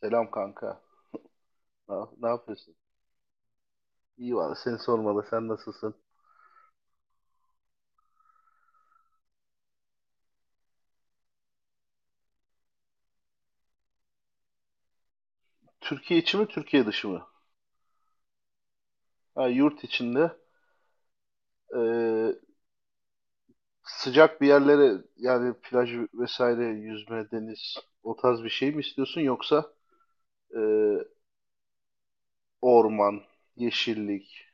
Selam kanka. Ne, ne yapıyorsun? İyi valla seni sormalı. Sen nasılsın? Türkiye içi mi, Türkiye dışı mı? Ha, yurt içinde eee, sıcak bir yerlere yani plaj vesaire, yüzme, deniz o tarz bir şey mi istiyorsun yoksa eee, orman, yeşillik?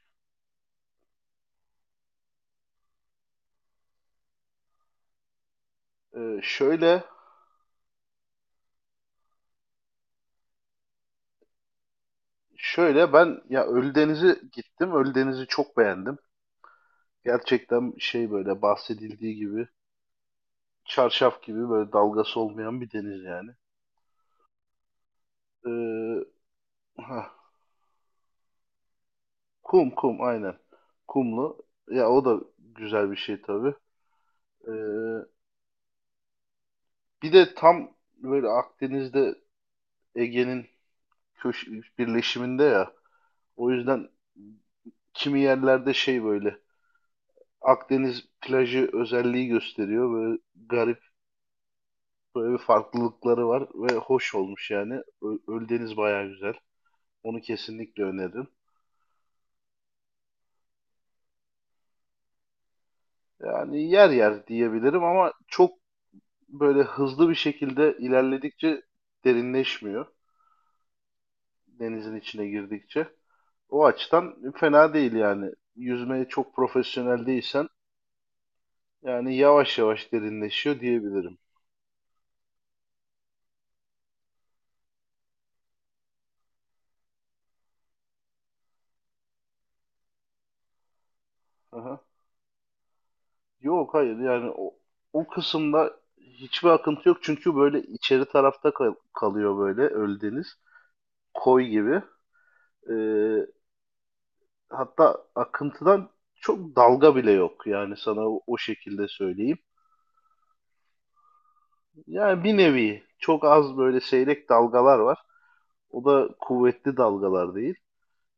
Şöyle şöyle ben ya Ölüdeniz'e gittim. Ölüdeniz'i çok beğendim. Gerçekten şey böyle bahsedildiği gibi çarşaf gibi böyle dalgası olmayan bir deniz yani. Eee, Heh, kum aynen. Kumlu. Ya o da güzel bir şey tabii. Ee, bir de tam böyle Akdeniz'de Ege'nin köş birleşiminde ya. O yüzden kimi yerlerde şey böyle Akdeniz plajı özelliği gösteriyor. Böyle garip böyle bir farklılıkları var ve hoş olmuş yani. Ölüdeniz bayağı güzel. Onu kesinlikle öneririm. Yani yer yer diyebilirim ama çok böyle hızlı bir şekilde ilerledikçe derinleşmiyor. Denizin içine girdikçe. O açıdan fena değil yani. Yüzmeye çok profesyonel değilsen yani yavaş yavaş derinleşiyor diyebilirim. Aha. Yok hayır yani o kısımda hiçbir akıntı yok çünkü böyle içeri tarafta kalıyor böyle Ölüdeniz. Koy gibi. Ee, hatta akıntıdan çok dalga bile yok yani sana o şekilde söyleyeyim. Yani bir nevi çok az böyle seyrek dalgalar var. O da kuvvetli dalgalar değil.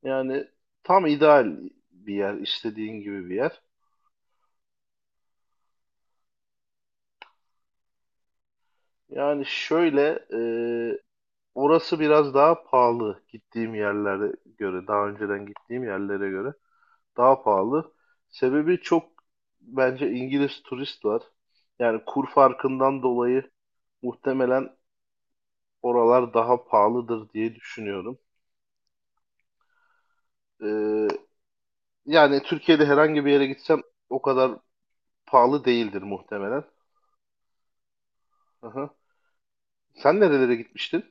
Yani tam ideal bir yer, istediğin gibi bir yer. Yani şöyle, orası biraz daha pahalı gittiğim yerlere göre, daha önceden gittiğim yerlere göre daha pahalı. Sebebi çok bence İngiliz turist var. Yani kur farkından dolayı muhtemelen oralar daha pahalıdır diye düşünüyorum. E, yani Türkiye'de herhangi bir yere gitsem o kadar pahalı değildir muhtemelen. Aha. Sen nerelere gitmiştin?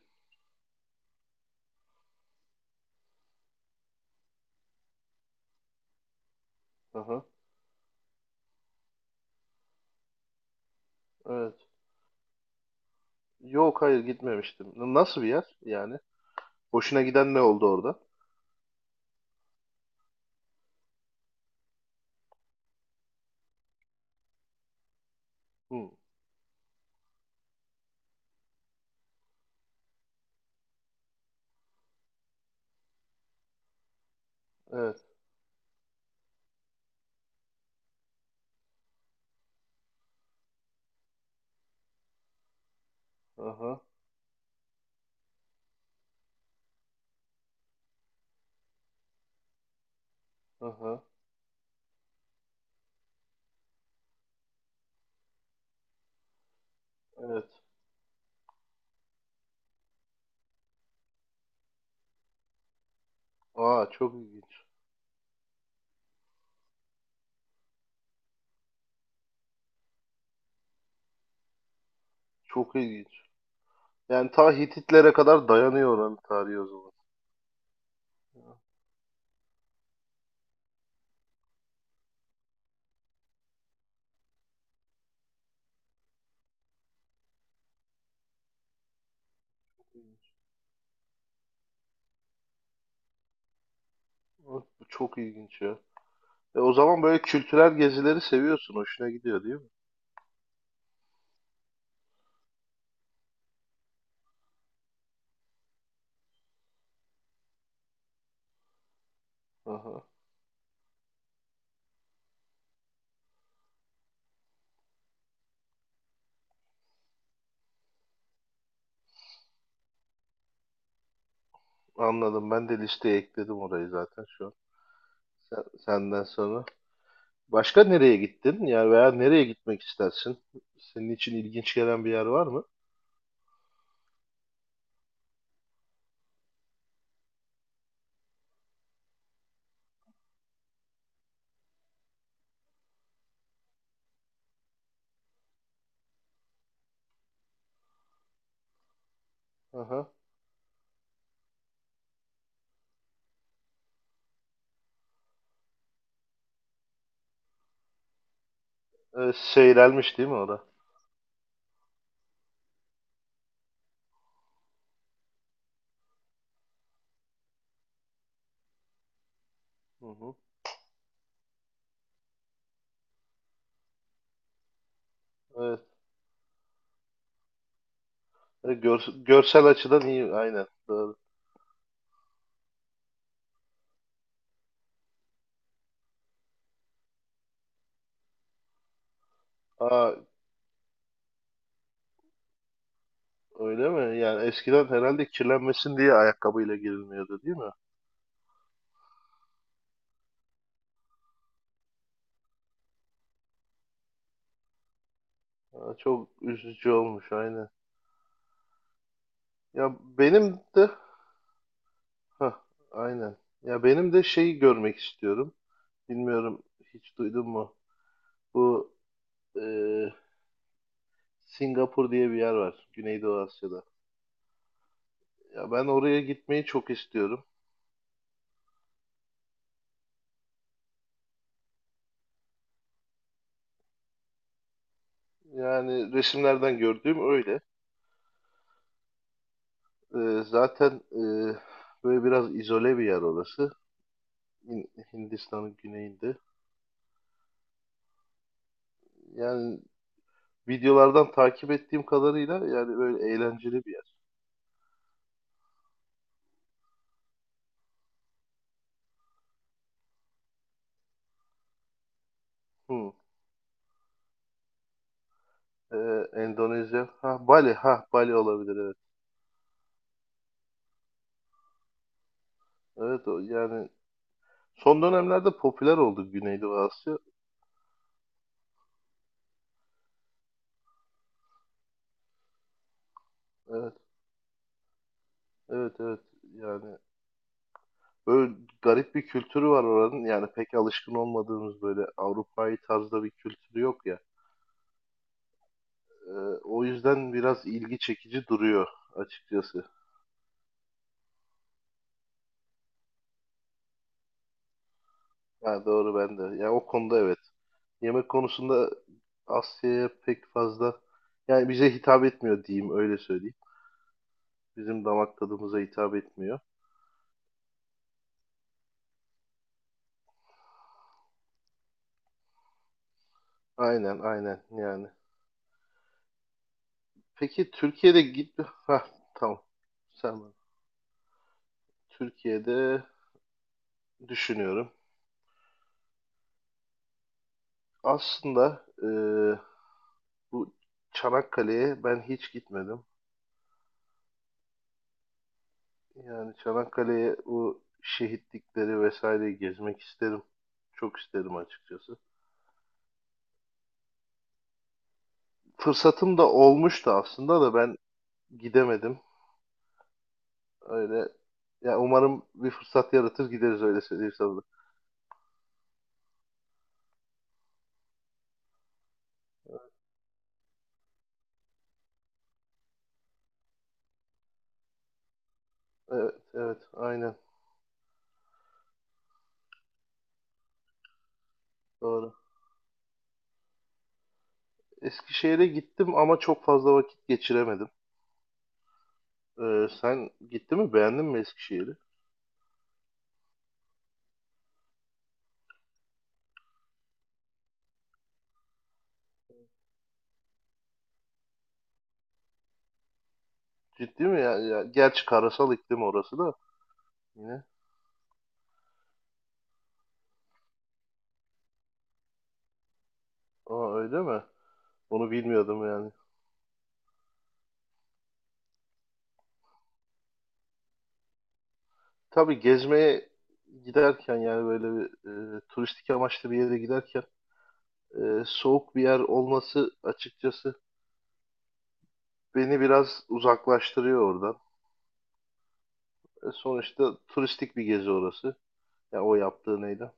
Aha, evet. Yok hayır gitmemiştim. Nasıl bir yer yani? Hoşuna giden ne oldu orada? Hı, evet. Aha, aha, evet. Aa, çok ilginç. Çok ilginç. Yani ta Hititlere kadar dayanıyor oranın tarihi o zaman. Hı. Bu çok ilginç ya. E, o zaman böyle kültürel gezileri seviyorsun. Hoşuna gidiyor değil mi? Aha. Anladım. Ben de listeye ekledim orayı zaten şu an. Senden sonra. Başka nereye gittin? Yani veya nereye gitmek istersin? Senin için ilginç gelen bir yer var mı? Aha. E, seyrelmiş değil mi o da? Hı hı. Evet. E, görsel açıdan iyi. Aynen. Doğru. Aa, öyle mi? Yani eskiden herhalde kirlenmesin diye ayakkabıyla girilmiyordu değil mi? Aa, çok üzücü olmuş. Aynen. Ya benim de Hah, aynen. Ya benim de şeyi görmek istiyorum. Bilmiyorum hiç duydun mu? Bu e, Singapur diye bir yer var. Güneydoğu Asya'da. Ya ben oraya gitmeyi çok istiyorum. Yani resimlerden gördüğüm öyle. Zaten böyle biraz izole bir yer orası. Hindistan'ın güneyinde. Yani videolardan takip ettiğim kadarıyla yani böyle eğlenceli bir yer. Hmm. Endonezya. Ha Bali. Ha Bali olabilir evet. Evet o yani son dönemlerde popüler oldu Güneydoğu Asya. Evet evet evet. Yani böyle garip bir kültürü var oranın. Yani pek alışkın olmadığımız böyle Avrupa'yı tarzda bir kültürü yok ya. Ee, o yüzden biraz ilgi çekici duruyor açıkçası. Ha, doğru ben de. Yani o konuda evet. Yemek konusunda Asya'ya pek fazla yani bize hitap etmiyor diyeyim öyle söyleyeyim. Bizim damak tadımıza hitap etmiyor. Aynen aynen yani. Peki Türkiye'de git ha tamam. Sen bana. Türkiye'de düşünüyorum. Aslında bu Çanakkale'ye ben hiç gitmedim. Yani Çanakkale'ye bu şehitlikleri vesaire gezmek isterim. Çok isterim açıkçası. Fırsatım da olmuştu aslında da ben gidemedim. Öyle ya umarım bir fırsat yaratır gideriz öyle söyleyeyim sana. Evet, evet, aynen doğru. Eskişehir'e gittim ama çok fazla vakit geçiremedim. Sen gitti mi? Beğendin mi Eskişehir'i? Ciddi mi ya? Ya gerçi karasal iklim orası da yine. Aa öyle mi? Onu bilmiyordum yani. Tabii gezmeye giderken yani böyle bir turistik amaçlı bir yere giderken soğuk bir yer olması açıkçası beni biraz uzaklaştırıyor oradan. E, sonuçta turistik bir gezi orası. Ya o yaptığı neydi?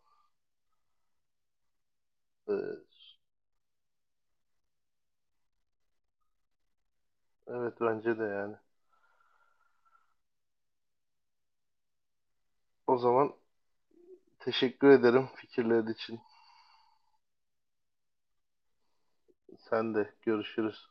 E, evet bence de yani. O zaman teşekkür ederim fikirler için. Sen de görüşürüz.